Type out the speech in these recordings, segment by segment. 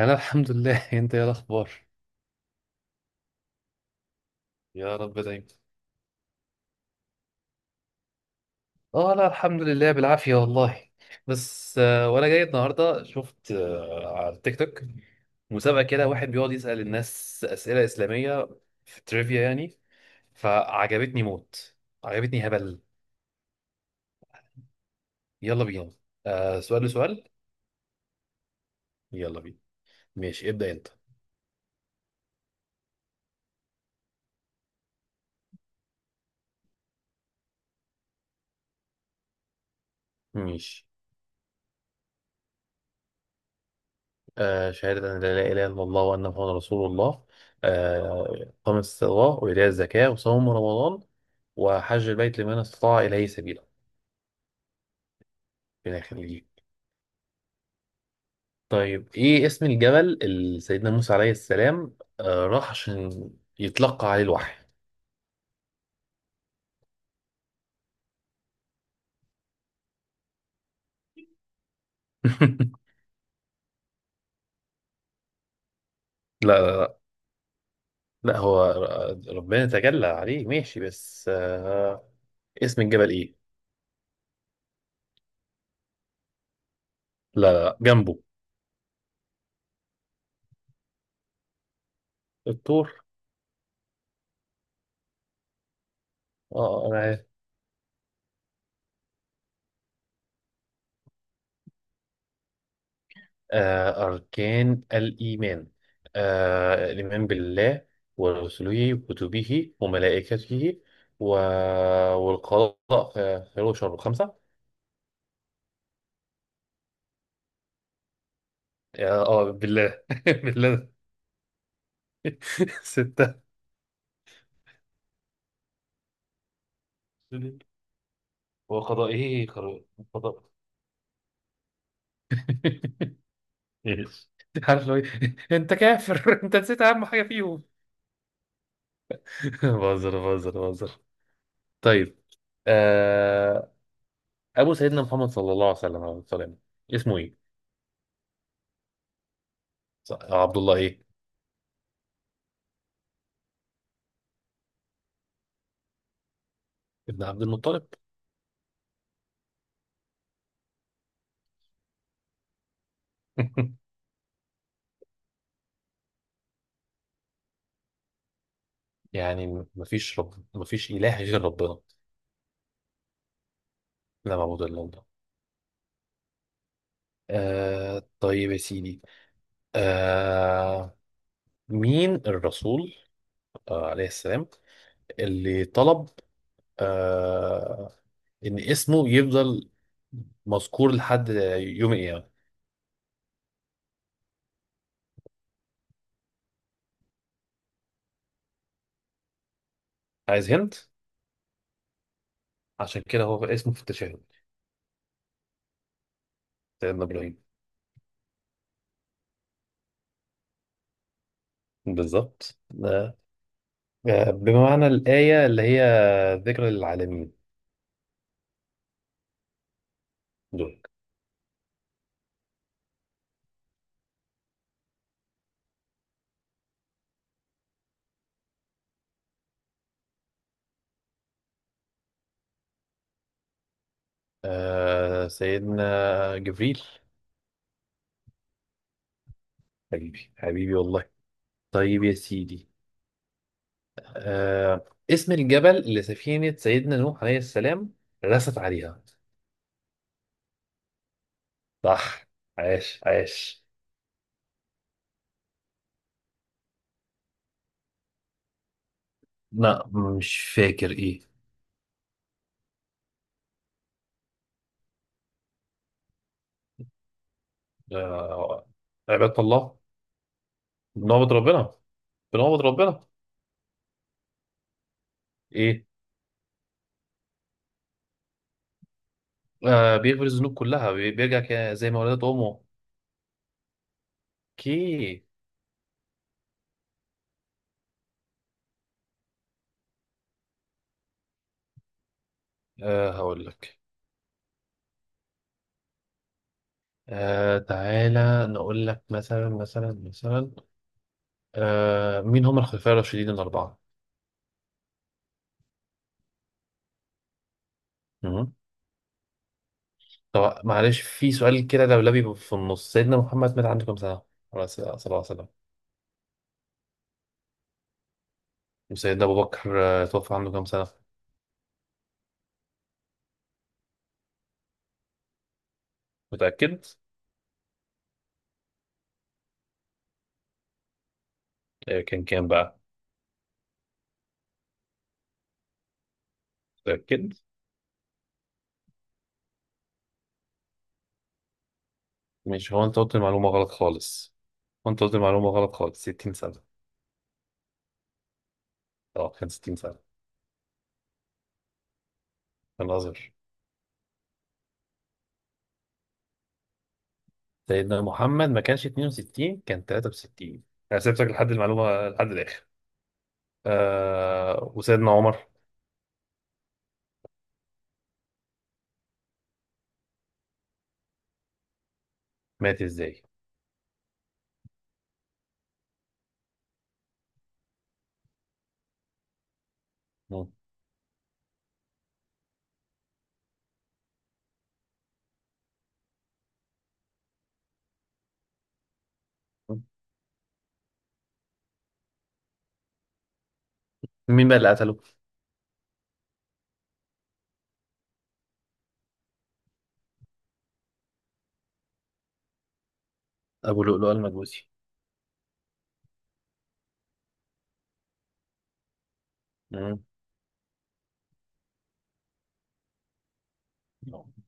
انا الحمد لله. انت ايه الاخبار؟ يا رب دايما. اه، لا الحمد لله بالعافيه والله. بس، وانا جاي النهارده شفت، على التيك توك مسابقه كده، واحد بيقعد يسال الناس اسئله اسلاميه. في تريفيا يعني. فعجبتني موت. عجبتني هبل. يلا بينا. آه، سؤال لسؤال. يلا بينا. ماشي، ابدا انت. ماشي. شهادة أن لا إله إلا الله وأن محمد رسول الله. إقام الصلاة وإيتاء الزكاة وصوم رمضان، وحج البيت لمن استطاع إليه سبيلا. إلى آخره. طيب، إيه اسم الجبل اللي سيدنا موسى عليه السلام راح عشان يتلقى عليه الوحي؟ لا لا لا. لا، هو ربنا تجلى عليه ماشي، بس اسم الجبل إيه؟ لا لا لا، جنبه. الطور. اه، انا. أركان الإيمان، الإيمان بالله ورسله وكتبه وملائكته و... والقضاء خير وشر. خمسة. بالله. بالله. ستة. وقضائه خير. قضاء. إيش؟ عارف لو إيه؟ أنت كافر! أنت نسيت أهم حاجة فيهم. بهزر بهزر بهزر. طيب. آه، أبو سيدنا محمد صلى الله عليه وسلم. اسمه إيه؟ عبد الله إيه؟ ابن عبد المطلب. يعني مفيش رب، مفيش إله غير ربنا. لا معبود إلا الله. طيب يا سيدي، آه مين الرسول، عليه السلام، اللي طلب آه إن اسمه يفضل مذكور لحد يوم القيامة؟ عايز هند. عشان كده هو اسمه في التشهد. سيدنا إبراهيم. بالظبط. آه بمعنى الآية اللي هي ذكر للعالمين. دول. سيدنا جبريل. حبيبي حبيبي والله. طيب يا سيدي، اسم الجبل اللي سفينة سيدنا نوح عليه السلام رست عليها؟ صح. عاش عاش. لا، مش فاكر ايه. آه، عبادة الله. بنعبد ربنا. بنعبد ربنا. ايه؟ بيغفر الذنوب كلها، بيرجع زي ما ولدت امه. اوكي. هقول لك. تعالى نقول لك مثلا مثلا مثلا. مين هم الخلفاء الراشدين الأربعة؟ مهم. طب معلش، في سؤال كده لولبي في النص: سيدنا محمد مات عنده كام سنة؟ عليه الصلاة، صلى الله عليه وسلم. وسيدنا أبو بكر توفى عنده كام سنة؟ متأكد؟ كان كام بقى؟ متأكد؟ مش هو أنت قلت المعلومة غلط خالص. وأنت قلت المعلومة غلط خالص، 60 سنة. أه، كان 60 سنة. كان أصغر. سيدنا محمد ما كانش 62، كان 63. أنا سبتك لحد المعلومة لحد الآخر. وسيدنا عمر. مات إزاي؟ مم. مين بقى اللي قتله؟ أبو لؤلؤ المجوسي. مم.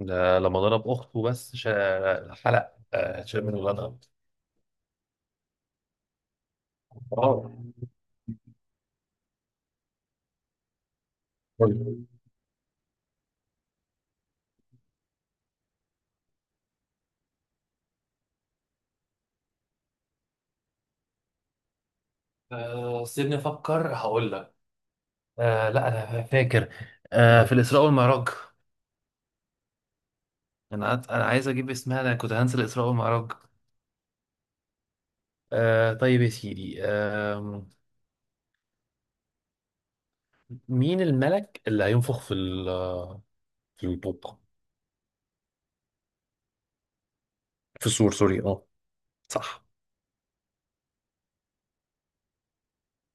ده لما ضرب أخته، بس حلق، شال من ولادها. اه. طيب. سيبني أفكر، هقول لك. لا، أنا فاكر. في الإسراء والمعراج. أنا عايز أجيب اسمها، أنا كنت هنسى الإسراء والمعراج. طيب يا سيدي، مين الملك اللي هينفخ في البوق؟ في السور، سوري. اه. صح.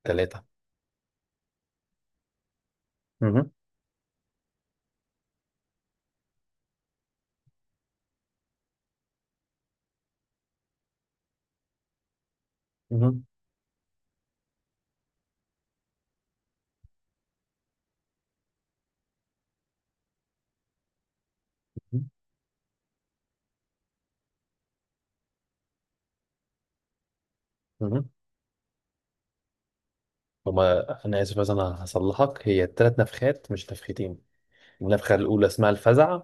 ثلاثة. مهم. مهم. مهم. هما، أنا آسف بس أنا هصلحك، هي 3 نفخات مش نفختين. النفخة الأولى اسمها الفزع،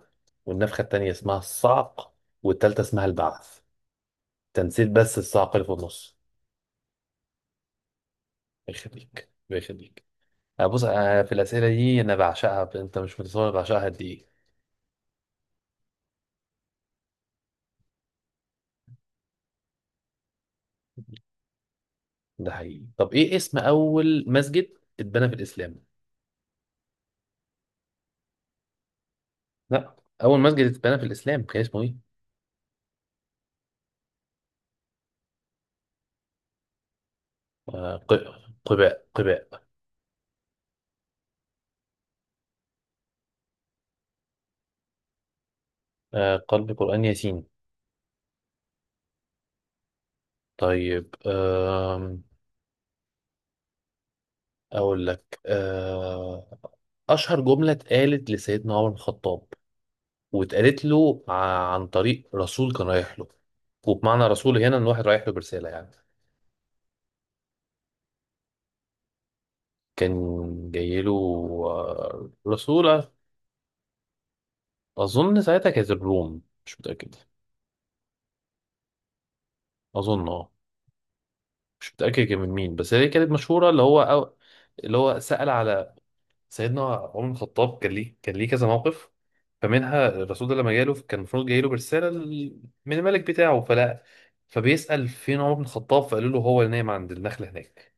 والنفخة التانية اسمها الصعق، والتالتة اسمها البعث. تنسيت بس الصعق اللي في النص. يخليك يخليك. أه، بص، أنا في الأسئلة دي أنا بعشقها، أنت مش متصور أنا بعشقها قد إيه. ده حقيقي. طب إيه اسم أول مسجد اتبنى في الإسلام؟ لا. أول مسجد اتبنى في الإسلام كان اسمه إيه؟ آه ق... قباء قباء. قلب قرآن ياسين. طيب. أقول لك. أشهر جملة اتقالت لسيدنا عمر بن الخطاب، واتقالت له عن طريق رسول كان رايح له. وبمعنى رسول هنا، ان واحد رايح له برساله يعني. كان جاي له رسوله. اظن ساعتها كانت الروم، مش متاكد. اظن، اه. مش متاكد كان من مين، بس هي كانت مشهوره. اللي هو، أو اللي هو سال على سيدنا عمر بن الخطاب كان ليه كذا موقف. فمنها الرسول ده لما جاله كان المفروض جاي له برساله من الملك بتاعه فلا. فبيسال فين عمر بن الخطاب، فقالوا له هو اللي نايم عند النخله هناك.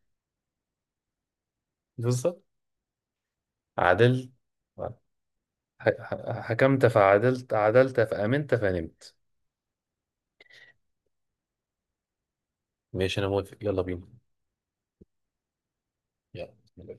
بالظبط. عدلت. حكمت فعدلت فأمنت فنمت. ماشي، أنا موافق، يلا بينا. يلا.